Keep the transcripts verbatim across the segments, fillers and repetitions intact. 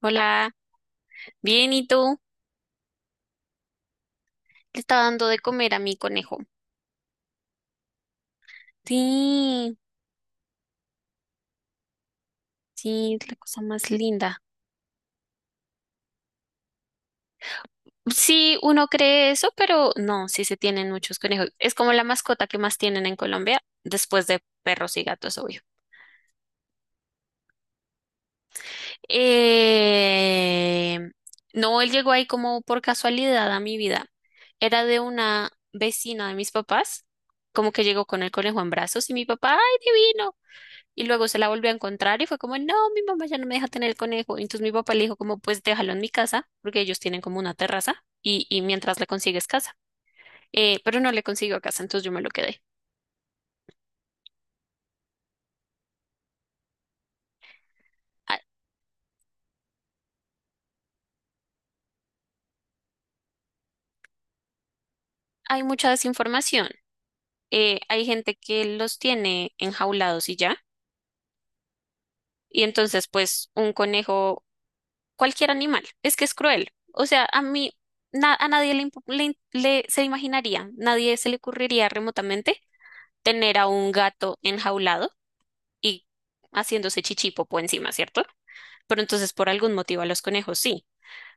Hola, bien, ¿y tú? Le estaba dando de comer a mi conejo. Sí, sí, es la cosa más linda. Sí, uno cree eso, pero no, sí se tienen muchos conejos. Es como la mascota que más tienen en Colombia, después de perros y gatos, obvio. Eh, no, él llegó ahí como por casualidad a mi vida. Era de una vecina de mis papás, como que llegó con el conejo en brazos y mi papá, ¡ay, divino! Y luego se la volvió a encontrar y fue como, no, mi mamá ya no me deja tener el conejo. Y entonces mi papá le dijo como, pues déjalo en mi casa, porque ellos tienen como una terraza y, y mientras le consigues casa. Eh, pero no le consiguió casa, entonces yo me lo quedé. Ha- Hay mucha desinformación. Eh, hay gente que los tiene enjaulados y ya. Y entonces, pues, un conejo, cualquier animal, es que es cruel. O sea, a mí, na- a nadie le, impu- le, in- le- se imaginaría, nadie se le ocurriría remotamente tener a un gato enjaulado y haciéndose chichipopo encima, ¿cierto? Pero entonces por algún motivo a los conejos sí.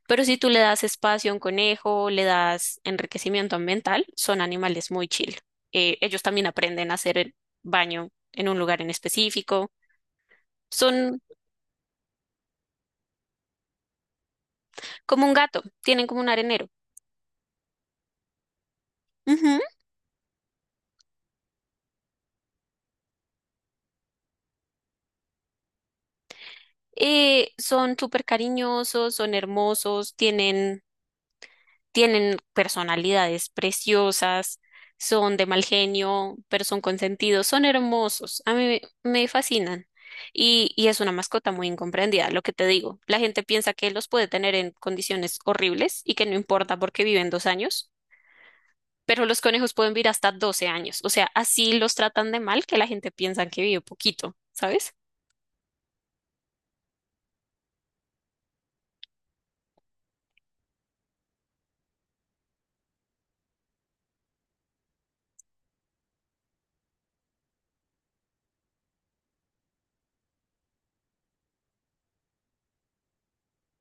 Pero si tú le das espacio a un conejo, le das enriquecimiento ambiental, son animales muy chill. Eh, ellos también aprenden a hacer el baño en un lugar en específico. Son como un gato, tienen como un arenero. Ujú. Eh, son súper cariñosos, son hermosos, tienen tienen personalidades preciosas, son de mal genio, pero son consentidos, son hermosos, a mí me fascinan. Y, y es una mascota muy incomprendida, lo que te digo. La gente piensa que los puede tener en condiciones horribles y que no importa porque viven dos años, pero los conejos pueden vivir hasta doce años. O sea, así los tratan de mal que la gente piensa que vive poquito, ¿sabes?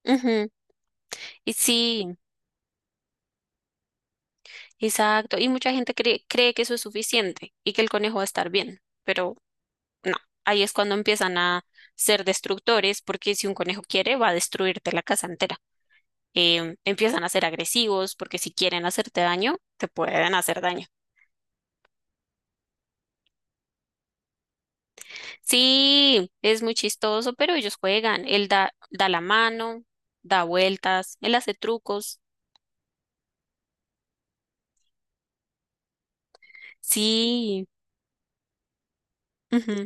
Ujú. Y sí, exacto. Y mucha gente cree, cree que eso es suficiente y que el conejo va a estar bien, pero no, ahí es cuando empiezan a ser destructores, porque si un conejo quiere, va a destruirte la casa entera. Em, empiezan a ser agresivos, porque si quieren hacerte daño, te pueden hacer daño. Sí, es muy chistoso, pero ellos juegan. Él da, da la mano, da vueltas, él hace trucos. Sí, ujú,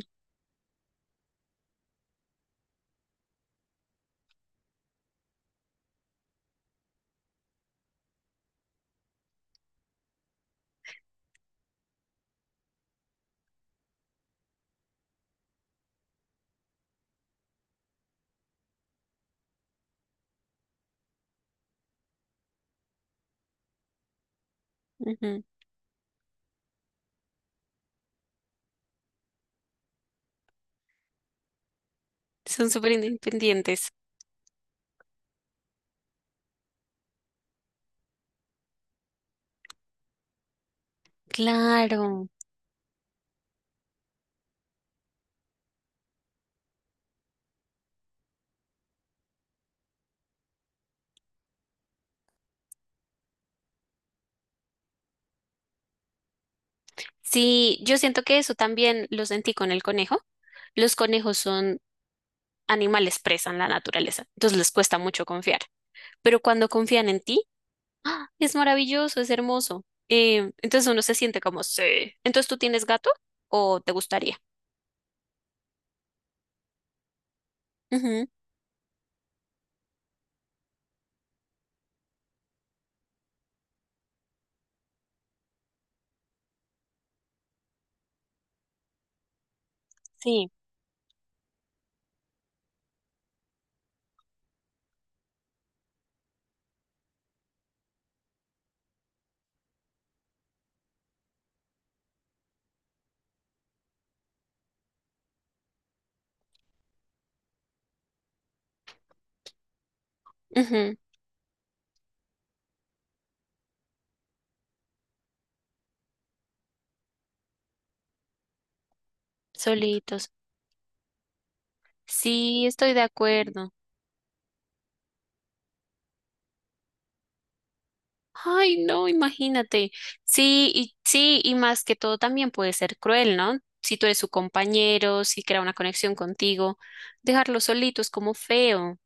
ujú, son súper independientes. Claro. Sí, yo siento que eso también lo sentí con el conejo. Los conejos son animales presa en la naturaleza, entonces les cuesta mucho confiar. Pero cuando confían en ti, ¡ah! Es maravilloso, es hermoso. Eh, entonces uno se siente como, sí. Entonces tú tienes gato o te gustaría. Ujú, sí, ujú, solitos. Sí, estoy de acuerdo. Ay, no, imagínate. Sí, y sí, y más que todo también puede ser cruel, ¿no? Si tú eres su compañero, si crea una conexión contigo, dejarlo solito es como feo.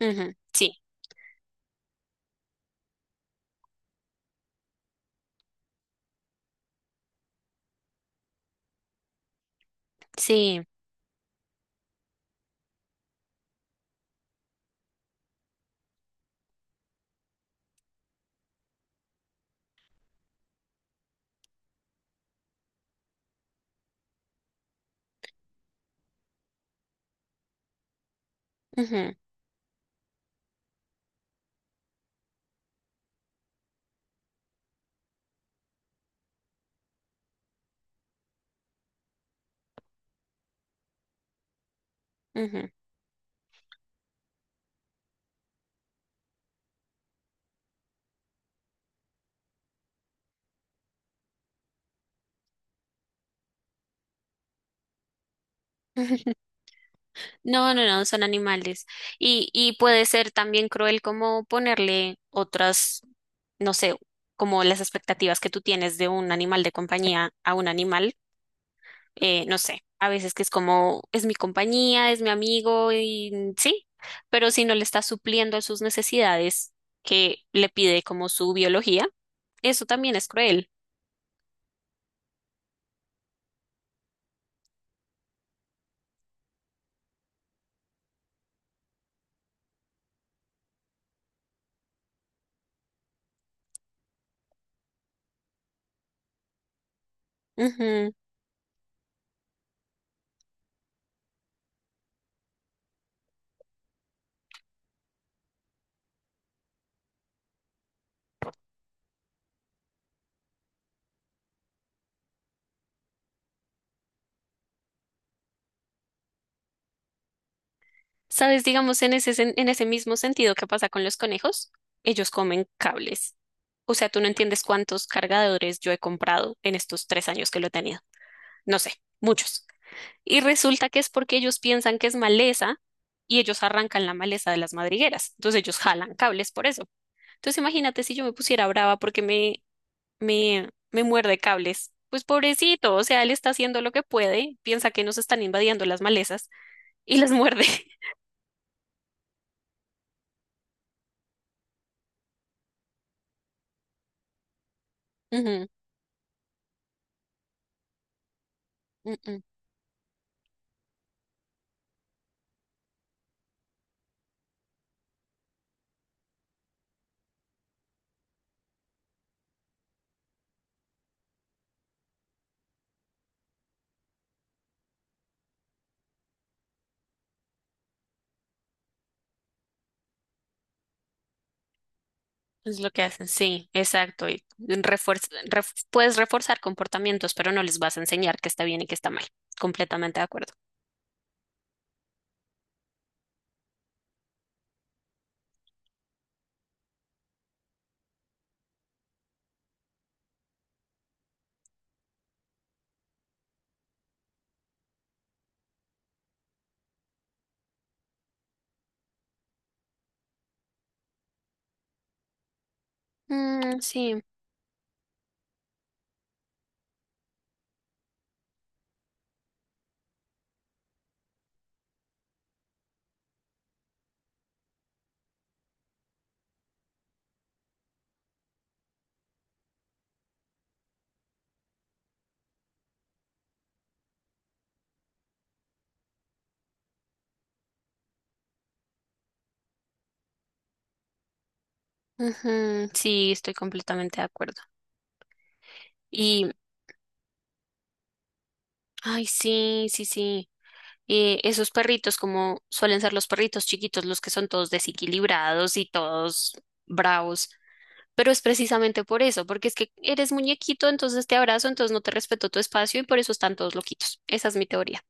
Ujú, sí, sí. Ujú, ujú, ujú. No, no, no, son animales. Y, y puede ser también cruel como ponerle otras, no sé, como las expectativas que tú tienes de un animal de compañía a un animal, eh, no sé, a veces que es como, es mi compañía, es mi amigo y mm, sí, pero si no le está supliendo a sus necesidades que le pide como su biología, eso también es cruel. Sabes, digamos, en ese, sen- en ese mismo sentido que pasa con los conejos, ellos comen cables. O sea, tú no entiendes cuántos cargadores yo he comprado en estos tres años que lo he tenido. No sé, muchos. Y resulta que es porque ellos piensan que es maleza y ellos arrancan la maleza de las madrigueras. Entonces ellos jalan cables por eso. Entonces imagínate si yo me pusiera brava porque me, me, me muerde cables. Pues pobrecito, o sea, él está haciendo lo que puede, piensa que nos están invadiendo las malezas y las muerde. Ujú, ujú. Es lo que hacen, sí, exacto. Y refuerz- ref- puedes reforzar comportamientos, pero no les vas a enseñar qué está bien y qué está mal. Completamente de acuerdo. Mm, sí, ujú, sí, estoy completamente de acuerdo. Y, ay, sí, sí, sí. Eh, esos perritos, como suelen ser los perritos chiquitos, los que son todos desequilibrados y todos bravos. Pero es precisamente por eso, porque es que eres muñequito, entonces te abrazo, entonces no te respeto tu espacio y por eso están todos loquitos. Esa es mi teoría.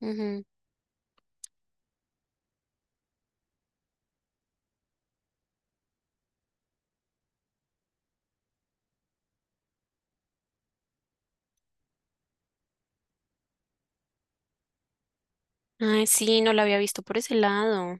Ujú. Ay, sí, no lo había visto por ese lado.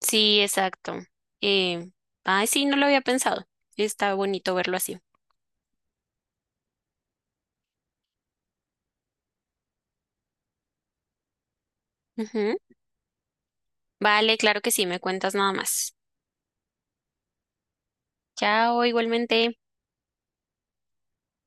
Sí, exacto. Eh, Ay, sí, no lo había pensado. Está bonito verlo así. Ujú. Vale, claro que sí, me cuentas nada más. Chao, igualmente.